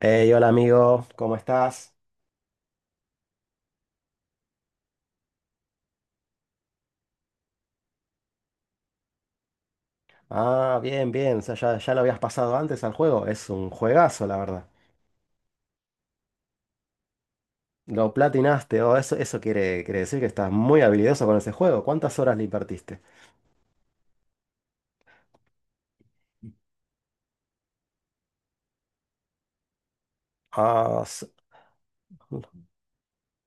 Hey, hola amigo, ¿cómo estás? Bien, bien, o sea, ya lo habías pasado antes al juego, es un juegazo, la verdad. Lo platinaste, o eso quiere decir que estás muy habilidoso con ese juego. ¿Cuántas horas le invertiste? Ah, sí.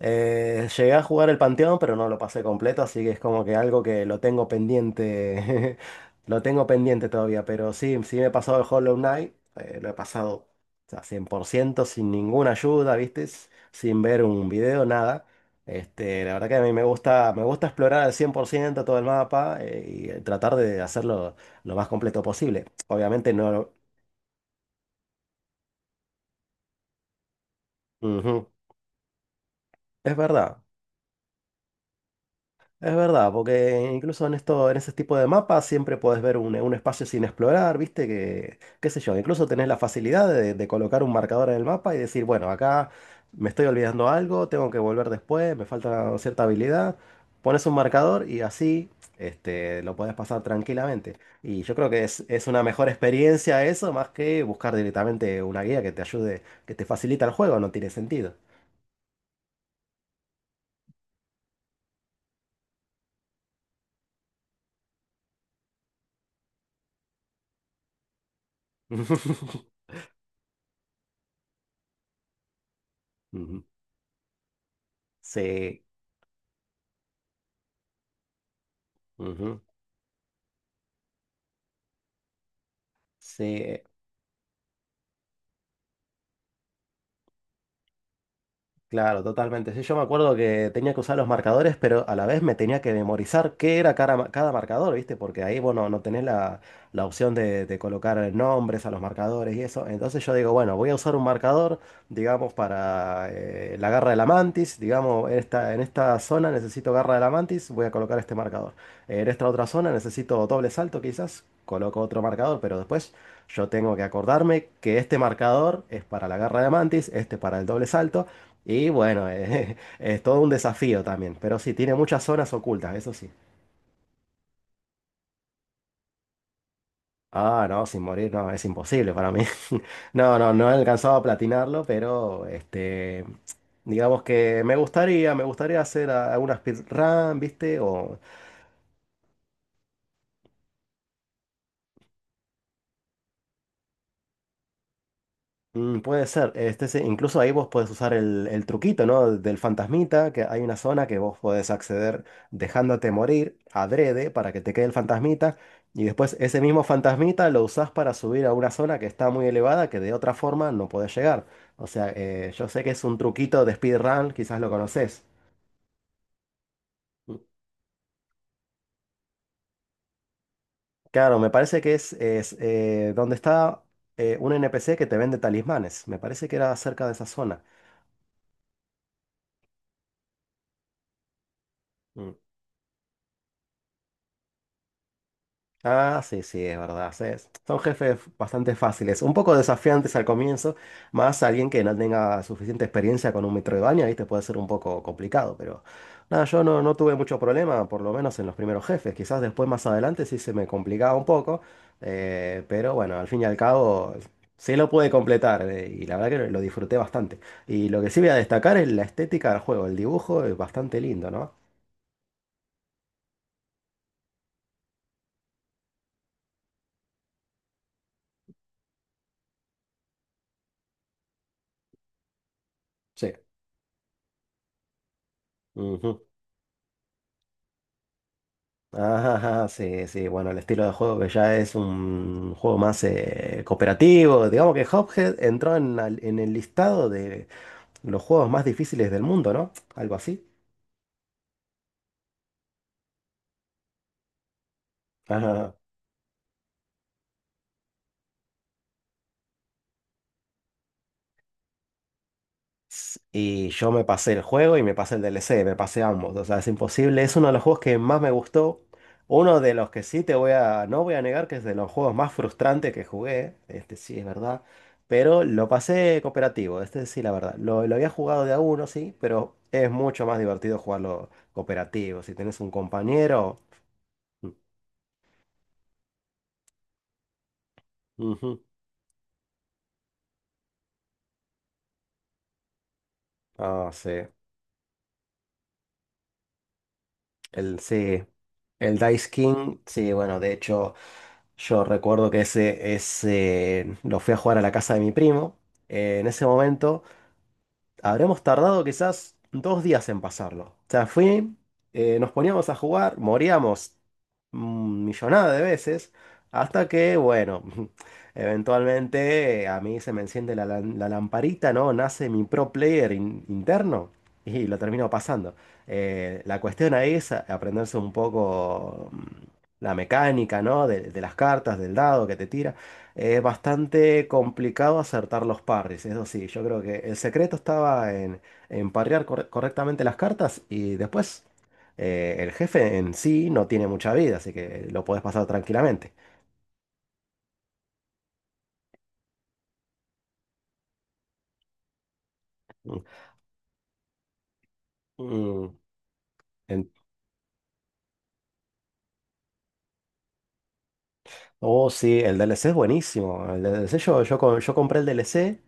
Llegué a jugar el Panteón, pero no lo pasé completo, así que es como que algo que lo tengo pendiente. Lo tengo pendiente todavía, pero sí, sí me he pasado el Hollow Knight. Lo he pasado, o sea, 100% sin ninguna ayuda, ¿viste? Sin ver un video, nada. Este, la verdad que a mí me gusta explorar al 100% todo el mapa, y tratar de hacerlo lo más completo posible. Obviamente no... Ujú, es verdad. Es verdad, porque incluso en esto, en ese tipo de mapas siempre puedes ver un espacio sin explorar, ¿viste? Qué sé yo, incluso tenés la facilidad de colocar un marcador en el mapa y decir, bueno, acá me estoy olvidando algo, tengo que volver después, me falta cierta habilidad. Pones un marcador y así, este, lo puedes pasar tranquilamente. Y yo creo que es una mejor experiencia eso, más que buscar directamente una guía que te ayude, que te facilita el juego, no tiene sentido. Ujú. Sí. Ujú. Sí, claro, totalmente. Sí, yo me acuerdo que tenía que usar los marcadores, pero a la vez me tenía que memorizar qué era cada marcador, ¿viste? Porque ahí, bueno, no tenés la, la opción de colocar nombres a los marcadores y eso. Entonces yo digo, bueno, voy a usar un marcador, digamos, para la garra de la mantis. Digamos, esta, en esta zona necesito garra de la mantis, voy a colocar este marcador. En esta otra zona necesito doble salto, quizás, coloco otro marcador, pero después... Yo tengo que acordarme que este marcador es para la garra de mantis, este para el doble salto, y bueno, es todo un desafío también, pero sí, tiene muchas zonas ocultas, eso sí. Ah, no, sin morir, no, es imposible para mí. No, no, no he alcanzado a platinarlo, pero este, digamos que me gustaría hacer alguna speedrun, ¿viste? O mm, puede ser. Este, sí, incluso ahí vos podés usar el truquito, ¿no? Del fantasmita, que hay una zona que vos podés acceder dejándote morir adrede para que te quede el fantasmita. Y después ese mismo fantasmita lo usás para subir a una zona que está muy elevada, que de otra forma no podés llegar. O sea, yo sé que es un truquito de speedrun, quizás lo conocés. Mm, claro, me parece que es, donde está un NPC que te vende talismanes. Me parece que era cerca de esa zona. Mm, ah, sí, sí, es verdad. Sí, son jefes bastante fáciles, un poco desafiantes al comienzo, más alguien que no tenga suficiente experiencia con un Metroidvania, ¿viste? Puede ser un poco complicado, pero nada, yo no, no tuve mucho problema, por lo menos en los primeros jefes. Quizás después más adelante sí se me complicaba un poco, pero bueno, al fin y al cabo sí lo pude completar, y la verdad que lo disfruté bastante. Y lo que sí voy a destacar es la estética del juego, el dibujo es bastante lindo, ¿no? Sí. Ujú. Ajá, ajá, sí, sí, bueno, el estilo de juego que ya es un juego más cooperativo. Digamos que Cuphead entró en, en el listado de los juegos más difíciles del mundo, ¿no? Algo así. Ajá. Y yo me pasé el juego y me pasé el DLC, me pasé ambos. O sea, es imposible. Es uno de los juegos que más me gustó. Uno de los que sí te voy a, no voy a negar que es de los juegos más frustrantes que jugué. Este sí es verdad. Pero lo pasé cooperativo. Este sí, la verdad. Lo había jugado de a uno, sí, pero es mucho más divertido jugarlo cooperativo. Si tenés un compañero. Ujú. Ah, sí. El, sí. El Dice King. Sí, bueno, de hecho. Yo recuerdo que ese lo fui a jugar a la casa de mi primo. En ese momento habremos tardado quizás dos días en pasarlo. O sea, fue, nos poníamos a jugar, moríamos millonada de veces, hasta que, bueno, eventualmente, a mí se me enciende la, la lamparita, ¿no? Nace mi pro player interno y lo termino pasando. La cuestión ahí es aprenderse un poco la mecánica, ¿no? De las cartas, del dado que te tira. Bastante complicado acertar los parries, eso sí, yo creo que el secreto estaba en parrear correctamente las cartas y después, el jefe en sí no tiene mucha vida, así que lo podés pasar tranquilamente. Mm. Mm. Oh, sí, el D L C es buenísimo. El D L C yo, yo, yo compré el D L C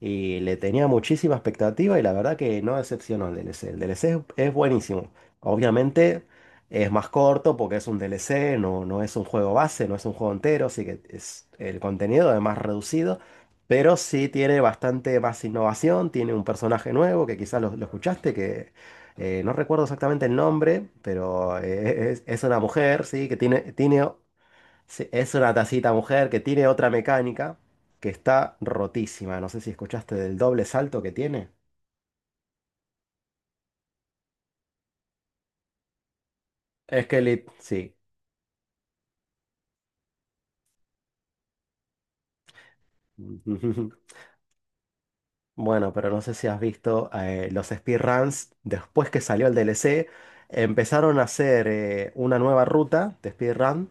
y le tenía muchísima expectativa y la verdad que no decepcionó el D L C. El D DLC es buenísimo. Obviamente es más corto porque es un D L C, no, no es un juego base, no es un juego entero, así que es, el contenido es más reducido, pero sí tiene bastante más innovación, tiene un personaje nuevo que quizás lo escuchaste, que no recuerdo exactamente el nombre, pero es una mujer, sí, que tiene, tiene... Sí, es una tacita mujer que tiene otra mecánica que está rotísima. No sé si escuchaste del doble salto que tiene. Es que sí. Bueno, pero no sé si has visto, los speedruns después que salió el DLC. Empezaron a hacer, una nueva ruta de speedrun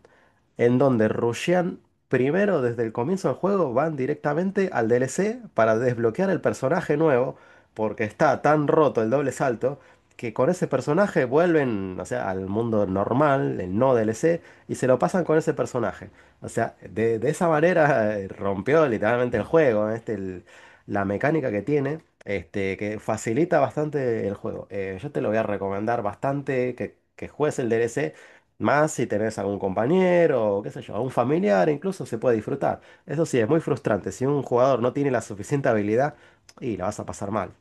en donde rushean primero desde el comienzo del juego, van directamente al DLC para desbloquear el personaje nuevo, porque está tan roto el doble salto que con ese personaje vuelven, o sea, al mundo normal, el no DLC, y se lo pasan con ese personaje. O sea, de esa manera, rompió literalmente el juego, ¿eh? Este, la mecánica que tiene. Este, que facilita bastante el juego. Yo te lo voy a recomendar bastante que juegues el DLC, más si tenés algún compañero, o qué sé yo, algún familiar, incluso se puede disfrutar. Eso sí, es muy frustrante. Si un jugador no tiene la suficiente habilidad, y la vas a pasar mal.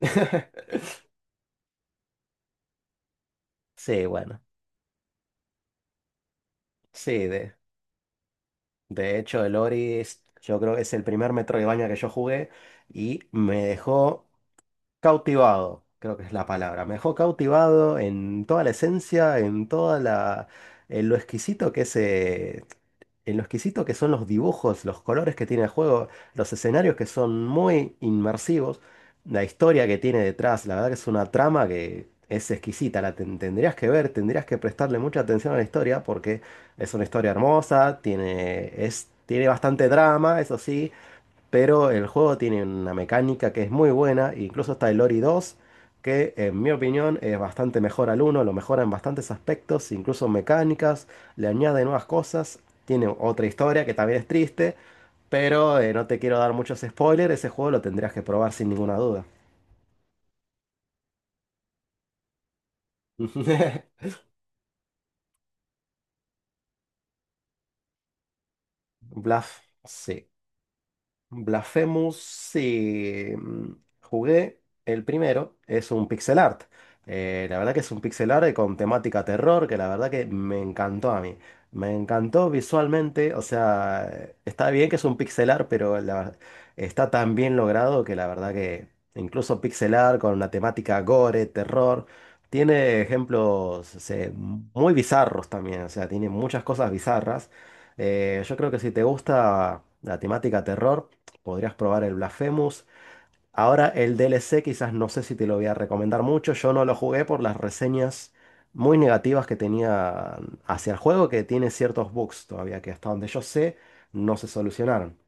Sí, bueno. Sí, de hecho el Ori es- yo creo que es el primer Metroidvania que yo jugué y me dejó cautivado, creo que es la palabra. Me dejó cautivado en toda la esencia, en toda la, en lo exquisito que es, en lo exquisito que son los dibujos, los colores que tiene el juego, los escenarios que son muy inmersivos, la historia que tiene detrás, la verdad que es una trama que es exquisita, la tendrías que ver, tendrías que prestarle mucha atención a la historia porque es una historia hermosa, tiene, es, tiene bastante drama, eso sí, pero el juego tiene una mecánica que es muy buena, incluso está el Ori 2, que en mi opinión es bastante mejor al uno, lo mejora en bastantes aspectos, incluso mecánicas, le añade nuevas cosas, tiene otra historia que también es triste, pero no te quiero dar muchos spoilers, ese juego lo tendrías que probar sin ninguna duda. Bluff, sí. Blasphemous, sí. Mm, jugué el primero, es un pixel art. La verdad que es un pixel art con temática terror, que la verdad que me encantó a mí. Me encantó visualmente, o sea, está bien que es un pixel art, pero está tan bien logrado que la verdad que incluso pixel art con una temática gore, terror, tiene ejemplos, o sea, muy bizarros también, o sea, tiene muchas cosas bizarras. Yo creo que si te gusta la temática terror, podrías probar el Blasphemous. Ahora el D L C quizás no sé si te lo voy a recomendar mucho. Yo no lo jugué por las reseñas muy negativas que tenía hacia el juego, que tiene ciertos bugs todavía que hasta donde yo sé no se solucionaron.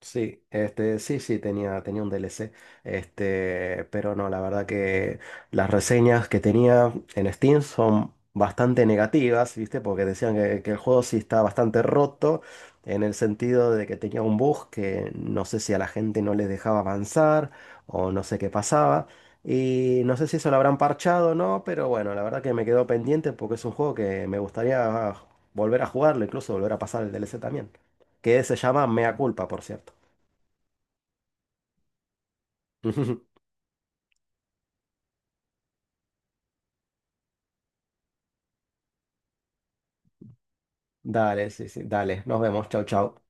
Sí, este, sí, sí, tenía un DLC, este, pero no, la verdad que las reseñas que tenía en Steam son bastante negativas, ¿viste? Porque decían que el juego sí está bastante roto, en el sentido de que tenía un bug que no sé si a la gente no les dejaba avanzar o no sé qué pasaba, y no sé si eso lo habrán parchado o no, pero bueno, la verdad que me quedó pendiente porque es un juego que me gustaría volver a jugarlo, incluso volver a pasar el DLC también, que se llama Mea Culpa, por cierto. Dale, sí, sí, dale. Nos vemos. Chau, chau.